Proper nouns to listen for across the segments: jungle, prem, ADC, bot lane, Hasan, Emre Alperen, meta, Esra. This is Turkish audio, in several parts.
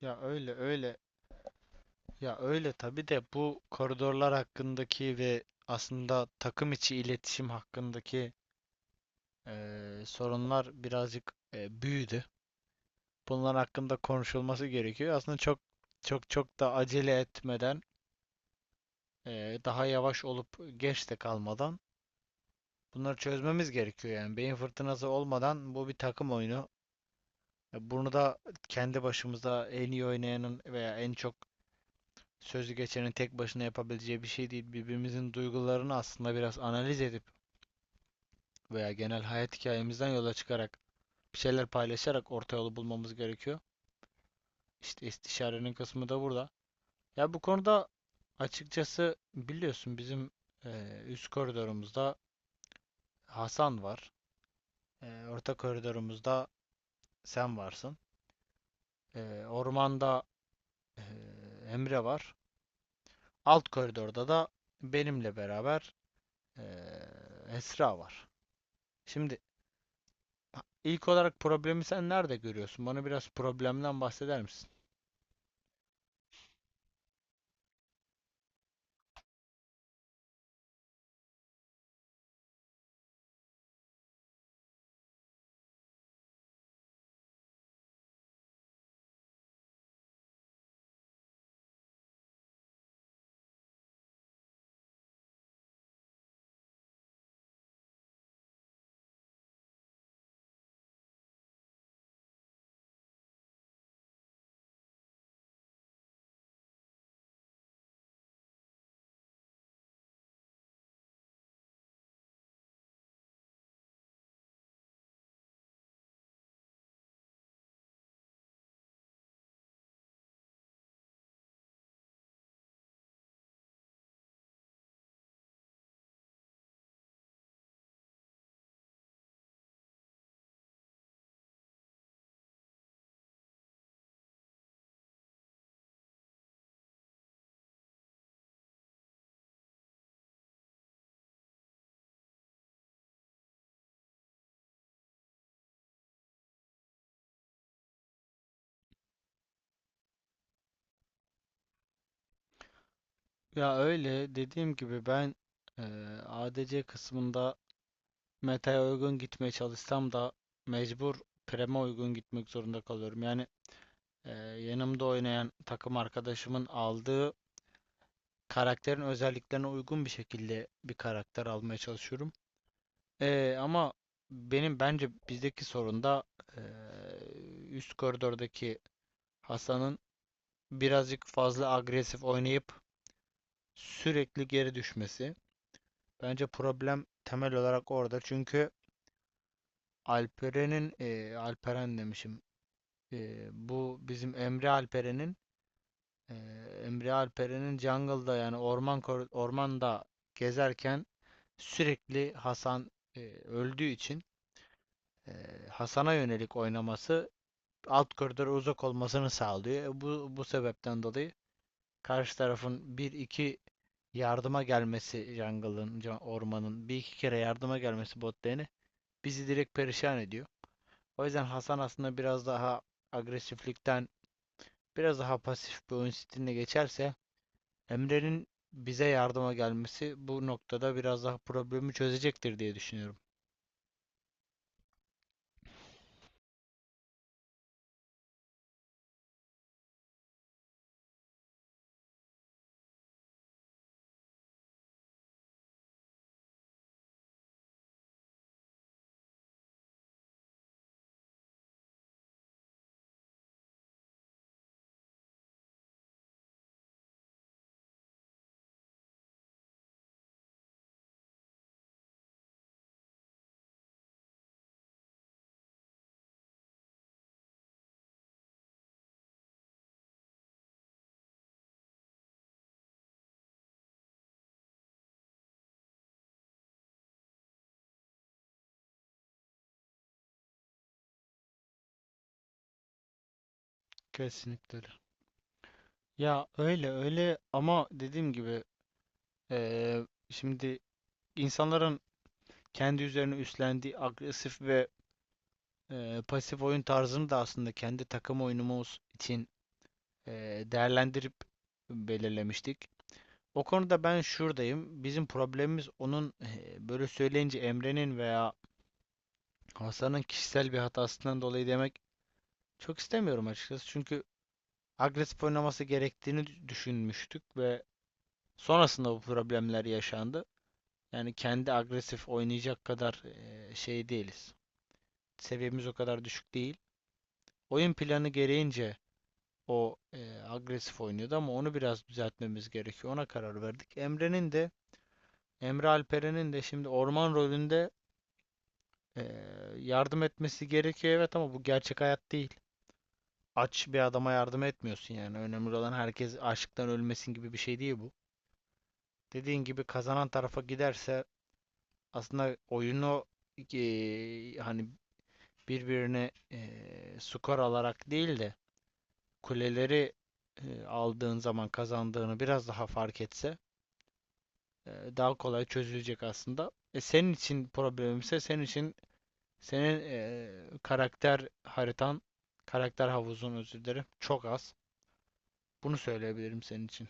Ya öyle öyle. Ya öyle tabii de bu koridorlar hakkındaki ve aslında takım içi iletişim hakkındaki sorunlar birazcık büyüdü. Bunlar hakkında konuşulması gerekiyor. Aslında çok çok da acele etmeden, daha yavaş olup geç de kalmadan bunları çözmemiz gerekiyor. Yani beyin fırtınası olmadan bu bir takım oyunu. Bunu da kendi başımıza en iyi oynayanın veya en çok sözlü geçenin tek başına yapabileceği bir şey değil. Birbirimizin duygularını aslında biraz analiz edip veya genel hayat hikayemizden yola çıkarak bir şeyler paylaşarak orta yolu bulmamız gerekiyor. İşte istişarenin kısmı da burada. Ya bu konuda açıkçası biliyorsun bizim üst koridorumuzda Hasan var. Orta koridorumuzda sen varsın. Ormanda e, Emre var. Alt koridorda da benimle beraber e, Esra var. Şimdi İlk olarak problemi sen nerede görüyorsun? Bana biraz problemden bahseder misin? Ya öyle dediğim gibi ben eee, ADC kısmında meta'ya uygun gitmeye çalışsam da mecbur prem'e uygun gitmek zorunda kalıyorum. Yani yanımda oynayan takım arkadaşımın aldığı karakterin özelliklerine uygun bir şekilde bir karakter almaya çalışıyorum. Ama benim bence bizdeki sorun da üst koridordaki Hasan'ın birazcık fazla agresif oynayıp sürekli geri düşmesi. Bence problem temel olarak orada. Çünkü Alperen'in, Alperen demişim. Bu bizim Emre Alperen'in, e, Emre Alperen'in jungle'da, yani ormanda gezerken sürekli Hasan öldüğü için, e, Hasan'a yönelik oynaması alt koridora uzak olmasını sağlıyor. Bu sebepten dolayı karşı tarafın bir iki yardıma gelmesi, ormanın bir iki kere yardıma gelmesi bot lane'e bizi direkt perişan ediyor. O yüzden Hasan aslında biraz daha agresiflikten biraz daha pasif bir oyun stiline geçerse, Emre'nin bize yardıma gelmesi bu noktada biraz daha problemi çözecektir diye düşünüyorum. Kesinlikle öyle. Ya öyle öyle ama dediğim gibi şimdi insanların kendi üzerine üstlendiği agresif ve pasif oyun tarzını da aslında kendi takım oyunumuz için değerlendirip belirlemiştik. O konuda ben şuradayım. Bizim problemimiz, onun böyle söyleyince Emre'nin veya Hasan'ın kişisel bir hatasından dolayı demek çok istemiyorum açıkçası. Çünkü agresif oynaması gerektiğini düşünmüştük ve sonrasında bu problemler yaşandı. Yani kendi agresif oynayacak kadar şey değiliz. Seviyemiz o kadar düşük değil. Oyun planı gereğince o agresif oynuyordu ama onu biraz düzeltmemiz gerekiyor. Ona karar verdik. Emre'nin de Emre Alperen'in de şimdi orman rolünde e, yardım etmesi gerekiyor evet, ama bu gerçek hayat değil. Aç bir adama yardım etmiyorsun yani. Önemli olan herkes açlıktan ölmesin gibi bir şey değil bu. Dediğin gibi kazanan tarafa giderse, aslında oyunu hani birbirine skor alarak değil de kuleleri aldığın zaman kazandığını biraz daha fark etse daha kolay çözülecek aslında. Senin için problemimse, senin için senin karakter haritan, karakter havuzun, özür dilerim, çok az. Bunu söyleyebilirim senin için.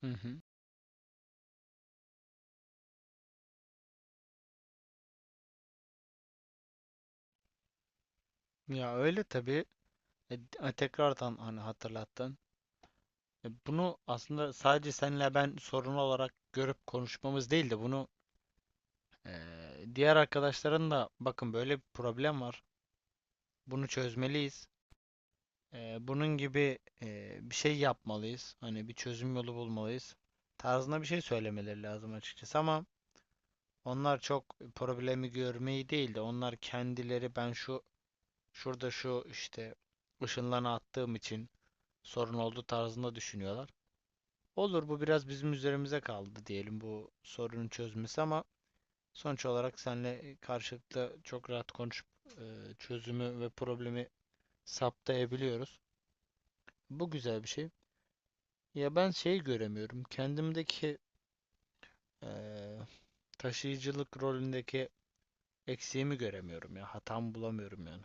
Hı hı. Ya öyle tabii. Tekrardan hani hatırlattın. Bunu aslında sadece senle ben sorun olarak görüp konuşmamız değil de, bunu e, diğer arkadaşların da: bakın, böyle bir problem var. Bunu çözmeliyiz. Bunun gibi bir şey yapmalıyız. Hani bir çözüm yolu bulmalıyız. Tarzında bir şey söylemeleri lazım açıkçası, ama onlar çok problemi görmeyi değil de, onlar kendileri: ben şu şurada şu işte ışınlarını attığım için sorun oldu, tarzında düşünüyorlar. Olur, bu biraz bizim üzerimize kaldı diyelim bu sorunun çözmesi, ama sonuç olarak seninle karşılıklı çok rahat konuşup çözümü ve problemi saptayabiliyoruz. Bu güzel bir şey. Ya ben şey göremiyorum. Kendimdeki eee, taşıyıcılık rolündeki eksiğimi göremiyorum ya. Hatamı bulamıyorum yani.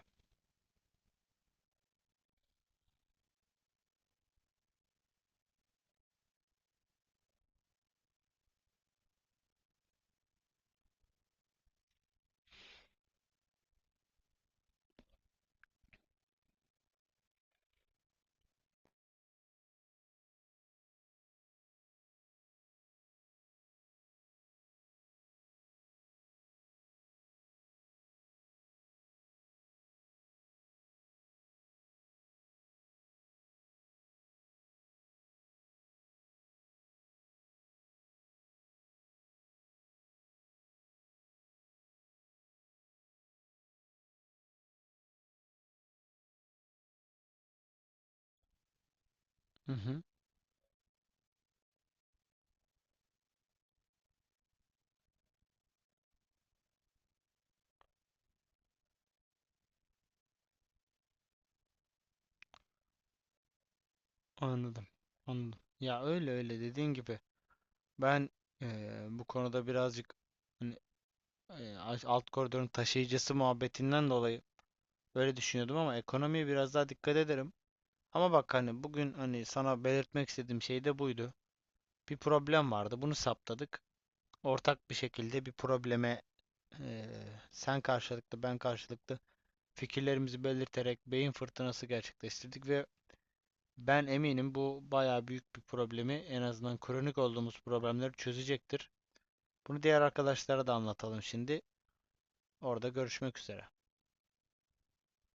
Hı hı, anladım. Anladım. Ya öyle öyle dediğin gibi. Ben bu konuda birazcık hani, alt koridorun taşıyıcısı muhabbetinden dolayı böyle düşünüyordum, ama ekonomiye biraz daha dikkat ederim. Ama bak, hani bugün hani sana belirtmek istediğim şey de buydu. Bir problem vardı. Bunu saptadık. Ortak bir şekilde bir probleme eee, sen karşılıklı, ben karşılıklı fikirlerimizi belirterek beyin fırtınası gerçekleştirdik ve ben eminim bu bayağı büyük bir problemi, en azından kronik olduğumuz problemleri çözecektir. Bunu diğer arkadaşlara da anlatalım şimdi. Orada görüşmek üzere.